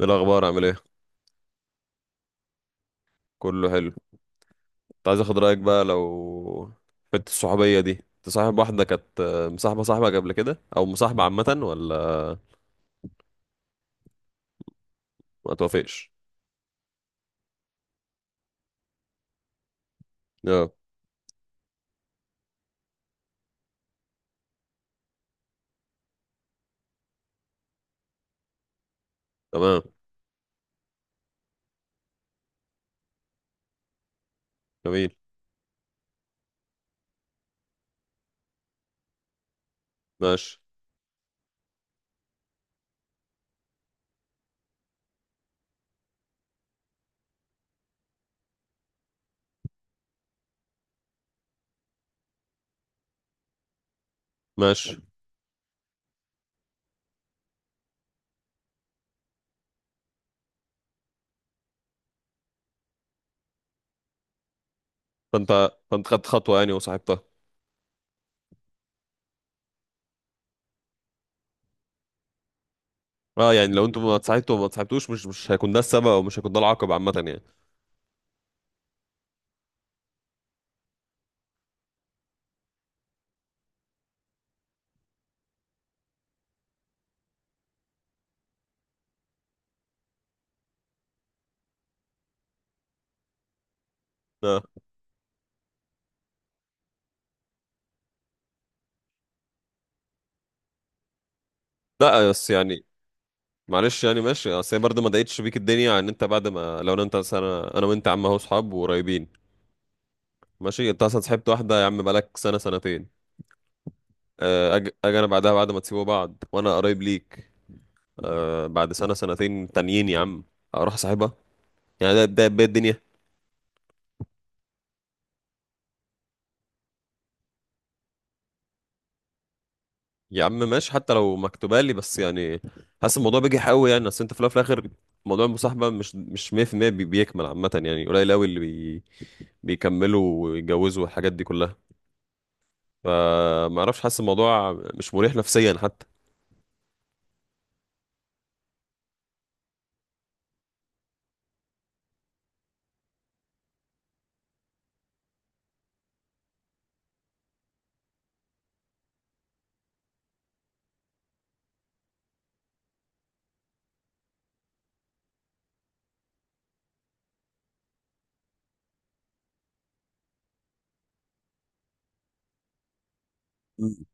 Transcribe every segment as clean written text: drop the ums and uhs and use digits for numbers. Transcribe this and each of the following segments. ايه الاخبار، عامل ايه؟ كله حلو. كنت عايز اخد رايك بقى، لو حته الصحوبيه دي، انت صاحب واحده كانت مصاحبه صاحبك قبل كده، او مصاحبه عامه، ولا ما توافقش؟ اه، تمام. جميل. ماشي. ماشي. فانت خدت خطوه يعني وصاحبتها. اه يعني، لو انتوا ما اتصاحبتوا وما اتصاحبتوش، مش هيكون ده السبب، او مش هيكون ده العقب عامه يعني. اه. لا بس يعني معلش يعني، ماشي، اصل هي برضه ما ضايقتش بيك الدنيا، ان انت بعد ما لو انا انت، انا وانت يا عم، اهو صحاب وقريبين. ماشي، انت اصلا صاحبت واحده يا عم بقالك سنه سنتين، اجي انا بعدها، بعد ما تسيبوا بعض وانا قريب ليك، بعد سنه سنتين تانيين يا عم، اروح صاحبها؟ يعني ده بدايه الدنيا. يا عم ماشي، حتى لو مكتوبه لي، بس يعني حاسس الموضوع بيجي قوي يعني، اصل انت في الاول وفي الاخر موضوع المصاحبه مش 100% بيكمل عامه، يعني قليل قوي اللي بيكملوا ويتجوزوا والحاجات دي كلها. فما اعرفش، حاسس الموضوع مش مريح نفسيا حتى. مم.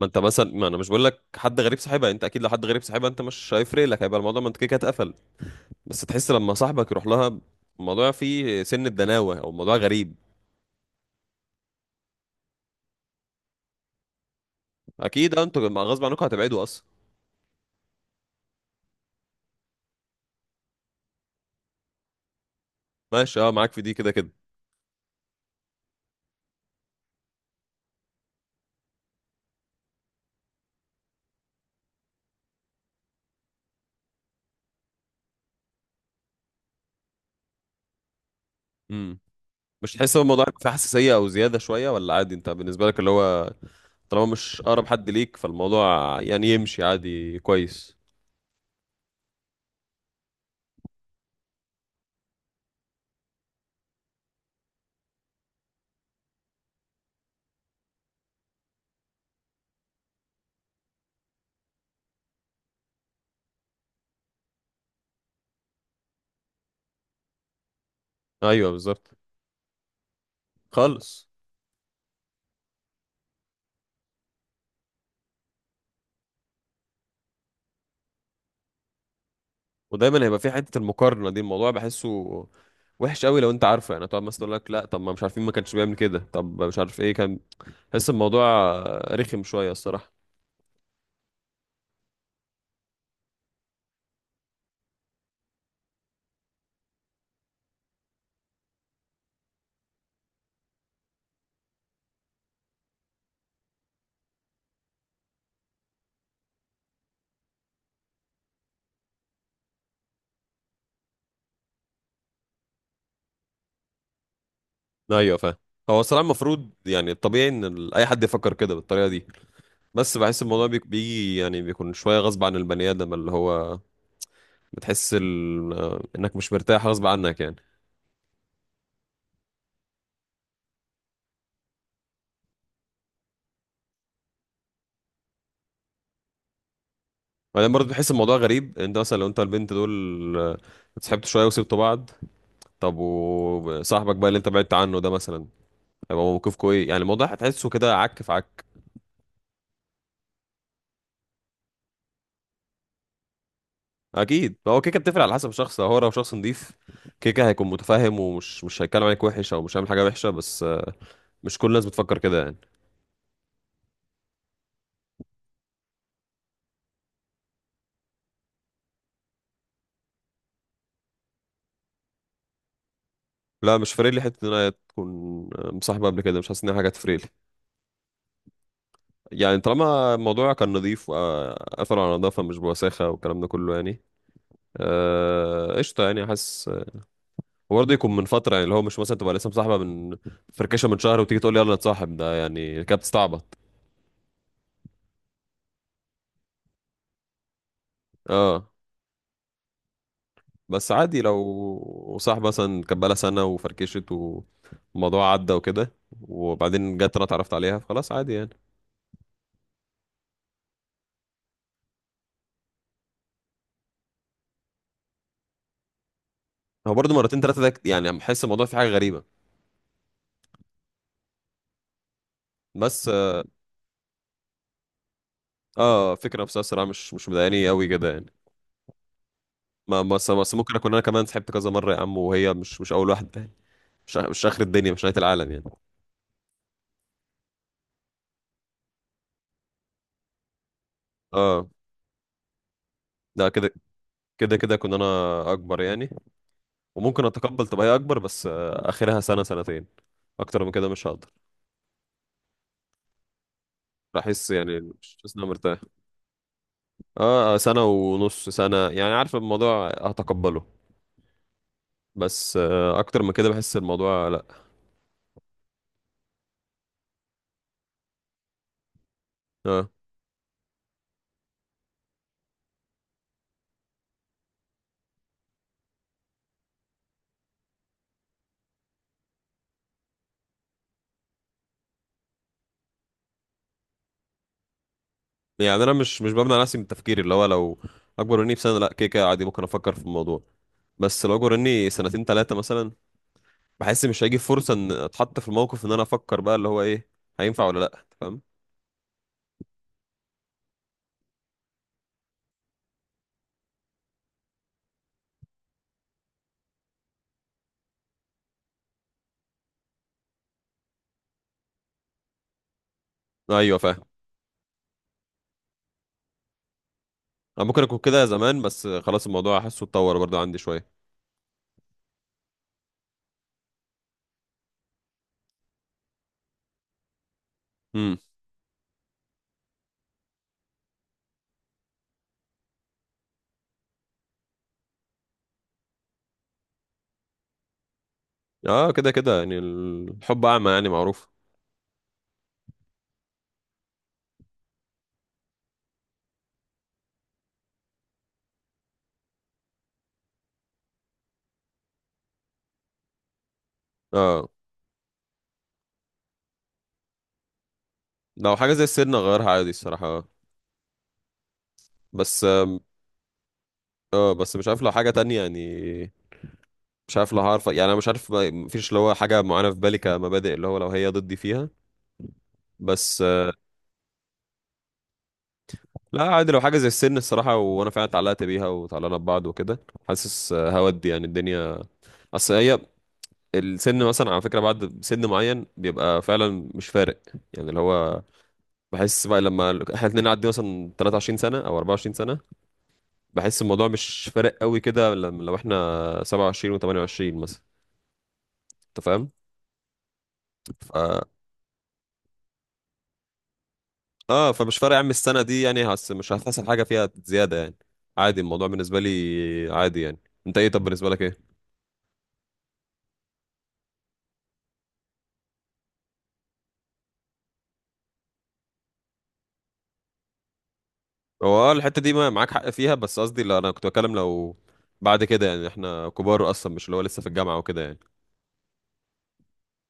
ما انت مثلا، ما انا مش بقول لك حد غريب صاحبها، انت اكيد لو حد غريب صاحبها انت مش هيفرق لك، هيبقى الموضوع، ما انت كده كده اتقفل. بس تحس لما صاحبك يروح لها، الموضوع فيه سن الدناوة، او الموضوع غريب. اكيد، انتوا غصب عنكم هتبعدوا اصلا. ماشي، اه معاك في دي كده كده. امم. مش تحس ان الموضوع فيه حساسية او زيادة شوية، ولا عادي انت بالنسبة لك اللي هو طالما مش اقرب حد ليك، فالموضوع يعني يمشي عادي كويس. ايوه بالظبط. خالص. ودايما هيبقى في حته المقارنه دي، الموضوع بحسه وحش قوي، لو انت عارفه يعني، تقعد مثلا تقول لك لا، طب ما مش عارفين، ما كانش بيعمل كده، طب مش عارف ايه كان. بحس الموضوع رخم شويه الصراحه. ايوه فاهم. هو الصراحه المفروض يعني الطبيعي، ان اي حد يفكر كده بالطريقه دي، بس بحس الموضوع بيجي يعني، بيكون شويه غصب عن البني ادم، اللي هو بتحس ال... آه، انك مش مرتاح غصب عنك يعني. وبعدين برضه بحس الموضوع غريب. انت مثلا لو انت البنت دول اتصاحبتوا شويه وسبتوا بعض، طب وصاحبك بقى اللي انت بعدت عنه ده مثلا، هيبقى موقفكوا ايه؟ يعني الموضوع هتحسه كده عك في عك. اكيد، هو كيكه بتفرق على حسب الشخص، هو لو شخص نضيف كيكه هيكون متفاهم، ومش مش هيتكلم عليك وحش، او مش هيعمل حاجه وحشه، بس مش كل الناس بتفكر كده يعني. لا مش فارق لي حته ان انا تكون مصاحبه قبل كده، مش حاسس ان هي حاجه تفرق لي. يعني طالما الموضوع كان نظيف واثر على نظافه مش بوساخه والكلام ده كله يعني، قشطه يعني، حاسس. وبرضه يكون من فتره يعني، اللي هو مش مثلا تبقى لسه مصاحبه من فركشه من شهر، وتيجي تقول لي يلا نتصاحب، ده يعني كده بتستعبط. اه. بس عادي لو صاحبه مثلا كانت بقالها سنه وفركشت، والموضوع عدى وكده، وبعدين جت انا اتعرفت عليها، فخلاص عادي يعني. هو برضه مرتين ثلاثه ده يعني بحس الموضوع فيه حاجه غريبه، بس. اه، فكرة نفسها الصراحة مش مضايقاني قوي كده يعني. ما بس ممكن اكون انا كمان سحبت كذا مرة يا عم، وهي مش اول واحدة يعني. مش اخر الدنيا، مش نهاية العالم يعني. اه. لا كده كده كنت انا اكبر يعني. وممكن اتقبل تبقى هي اكبر، بس اخرها سنة سنتين، اكتر من كده مش هقدر. احس يعني مش حاسس ان انا مرتاح. اه سنة ونص سنة يعني، عارف الموضوع هتقبله، بس اكتر من كده بحس الموضوع لا. اه يعني انا مش بمنع نفسي من التفكير اللي هو، لو اكبر مني بسنه لا كده كده عادي ممكن افكر في الموضوع، بس لو اكبر مني سنتين ثلاثه مثلا، بحس مش هيجي فرصه ان اتحط في الموقف ان انا افكر بقى اللي هو ايه، هينفع ولا لا، أنت فاهم؟ ايوه فاهم. انا ممكن اكون كده زمان، بس خلاص الموضوع حاسه اتطور برضه عندي شويه. امم. اه كده كده يعني، الحب اعمى يعني، معروف. اه، لو حاجه زي السن اغيرها عادي الصراحه. بس، اه بس مش عارف لو حاجه تانية يعني. مش عارف لو هعرف يعني، انا مش عارف مفيش اللي هو حاجه معينه في بالي كمبادئ، اللي هو لو هي ضدي فيها، بس لا عادي لو حاجه زي السن الصراحه، وانا فعلا اتعلقت بيها وتعلقنا ببعض وكده، حاسس هودي يعني الدنيا. اصل هي، السن مثلا على فكره بعد سن معين بيبقى فعلا مش فارق، يعني اللي هو بحس بقى لما احنا اتنين نعدي مثلا 23 سنه او 24 سنه، بحس الموضوع مش فارق قوي كده، لو احنا 27 و28 مثلا، انت فاهم؟ ف، اه فمش فارق يا عم السنه دي يعني، هس مش هتحصل حاجه فيها زياده يعني. عادي الموضوع بالنسبه لي عادي يعني. انت ايه؟ طب بالنسبه لك ايه؟ هو اه الحته دي معاك حق فيها، بس قصدي لا انا كنت بتكلم لو بعد كده يعني، احنا كبار اصلا، مش اللي هو لسه في الجامعه وكده يعني.